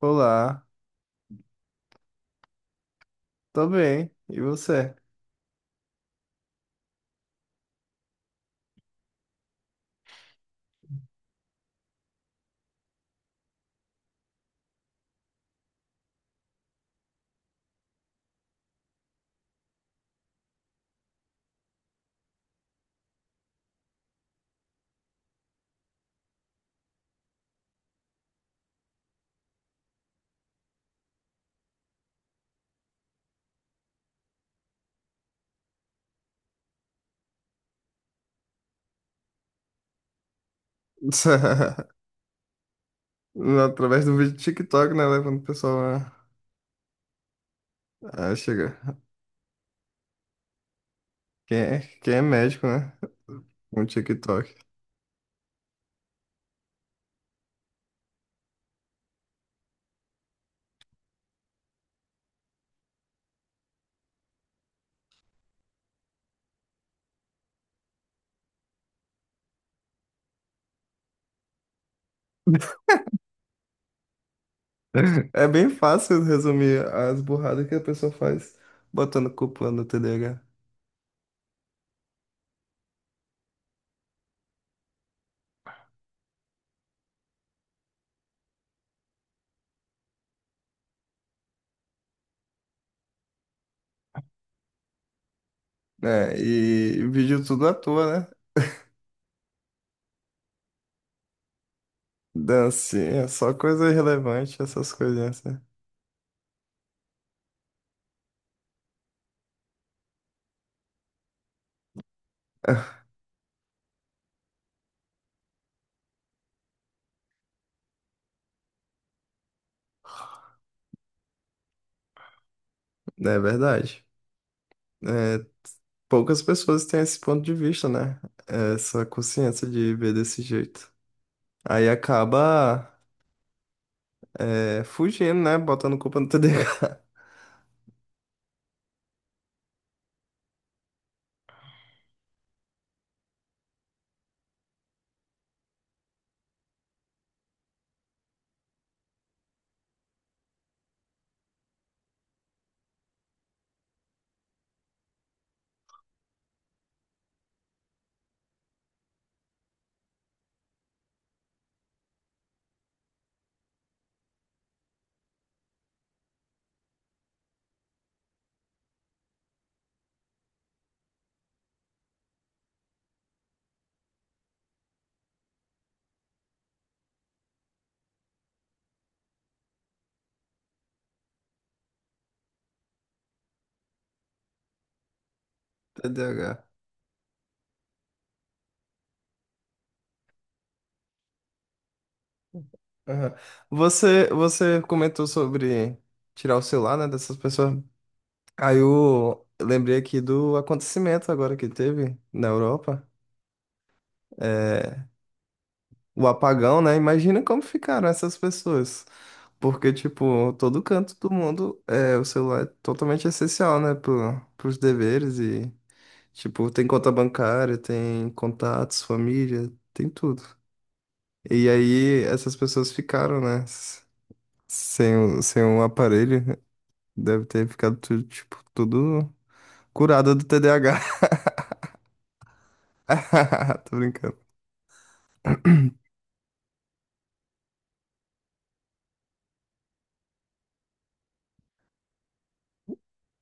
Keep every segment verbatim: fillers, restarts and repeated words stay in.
Olá, tô bem. E você? Através do vídeo do TikTok, né? Levando o pessoal a, a chegar. Quem é, quem é médico, né? Um TikTok. É bem fácil resumir as burradas que a pessoa faz botando culpa no T D A H. É, e vídeo tudo à toa, né? Dancinha, só coisa irrelevante, essas coisinhas, né? É verdade. É, poucas pessoas têm esse ponto de vista, né? Essa consciência de ver desse jeito. Aí acaba é, fugindo, né? Botando culpa no T D A H. T D A H. Aham. Você, você comentou sobre tirar o celular, né, dessas pessoas. Aí eu lembrei aqui do acontecimento agora que teve na Europa. É, o apagão, né? Imagina como ficaram essas pessoas. Porque, tipo, todo canto do mundo, é, o celular é totalmente essencial, né? Pro, pros deveres e, tipo, tem conta bancária, tem contatos, família, tem tudo. E aí essas pessoas ficaram, né? s- Sem o, sem um aparelho. Deve ter ficado tudo, tipo, tudo curada do T D A H. Tô brincando.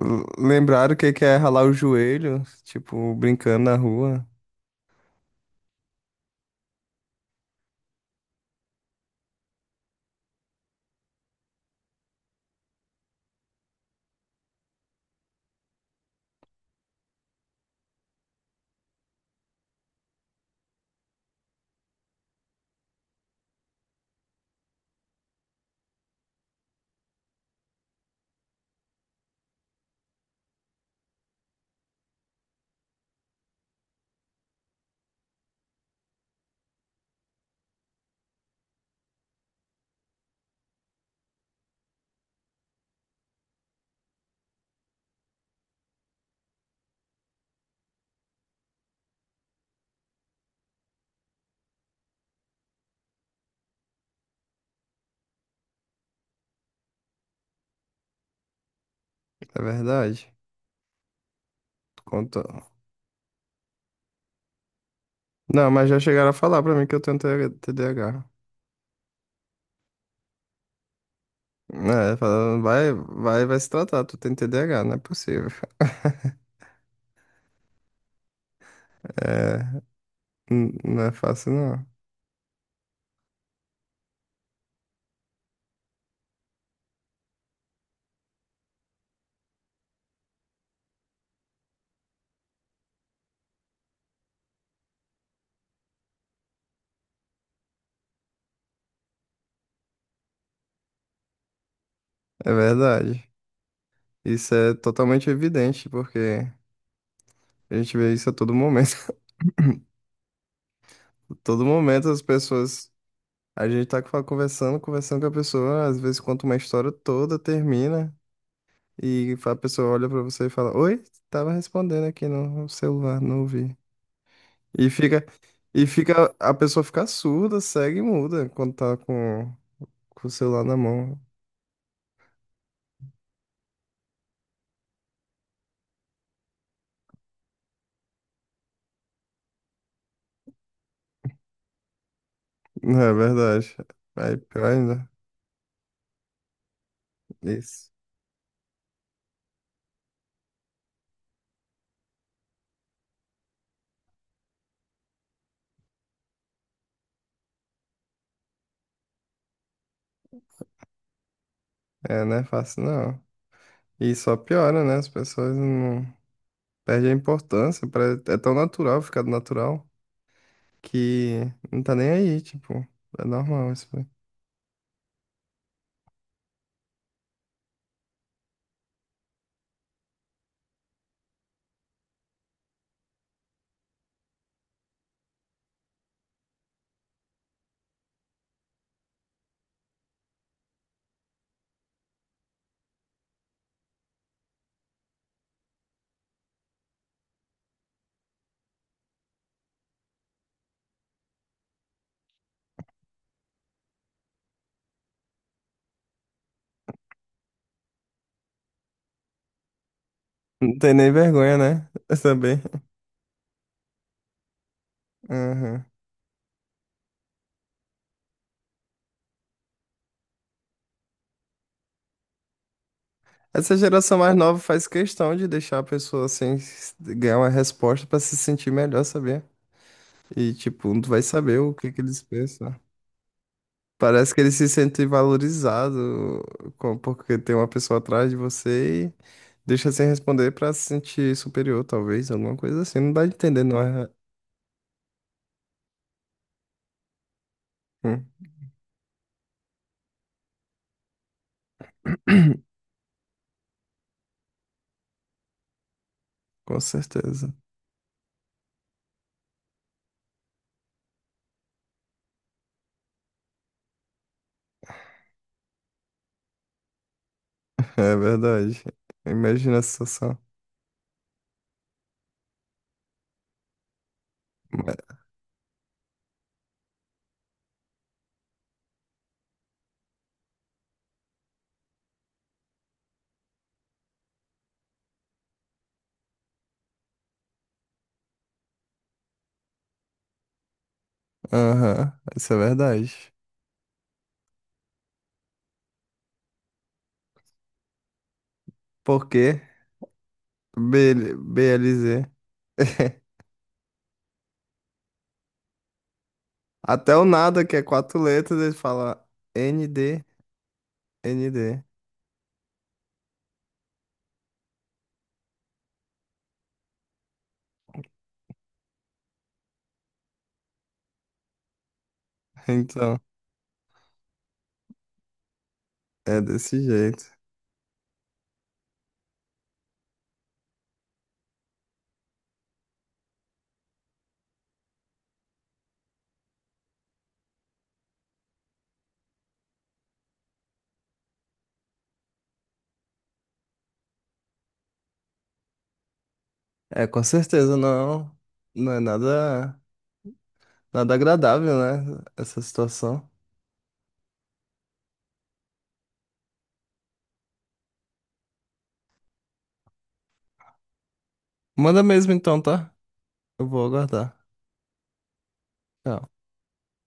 L- Lembraram o que que é ralar o joelho, tipo, brincando na rua. É verdade. Conta. Não, mas já chegaram a falar pra mim que eu tenho T H T D A H. É, falando, vai, vai, vai se tratar, tu tem T D A H, não é possível. É, n- não é fácil, não. É verdade. Isso é totalmente evidente, porque a gente vê isso a todo momento. Todo momento as pessoas. A gente tá fa- conversando, conversando com a pessoa, às vezes conta uma história toda, termina, e a pessoa olha pra você e fala: Oi, tava respondendo aqui no celular, não ouvi. E fica. E fica. A pessoa fica surda, cega e muda quando tá com, com o celular na mão. Não é verdade. Aí pior ainda. Isso. É, não é fácil, não. E só piora, né? As pessoas não. Perde a importância, pare- é tão natural ficar natural que não tá nem aí, tipo, é normal isso. Aí. Não tem nem vergonha, né? Também. Aham. Essa geração mais nova faz questão de deixar a pessoa assim s- ganhar uma resposta pra se sentir melhor, saber. E tipo, não vai saber o que que eles pensam. Parece que eles se sentem valorizados com- porque tem uma pessoa atrás de você e deixa sem responder pra se sentir superior, talvez, alguma coisa assim. Não dá de entender, não é? Hum. Com certeza. É verdade. Imagina a situação. Mas- Aham, isso é verdade. Porque b BLZ. Até o nada, que é quatro letras, ele fala N D, N D. Então, é desse jeito. É, com certeza não, não é nada, nada agradável, né? Essa situação. Manda mesmo então, tá? Eu vou aguardar. Tchau.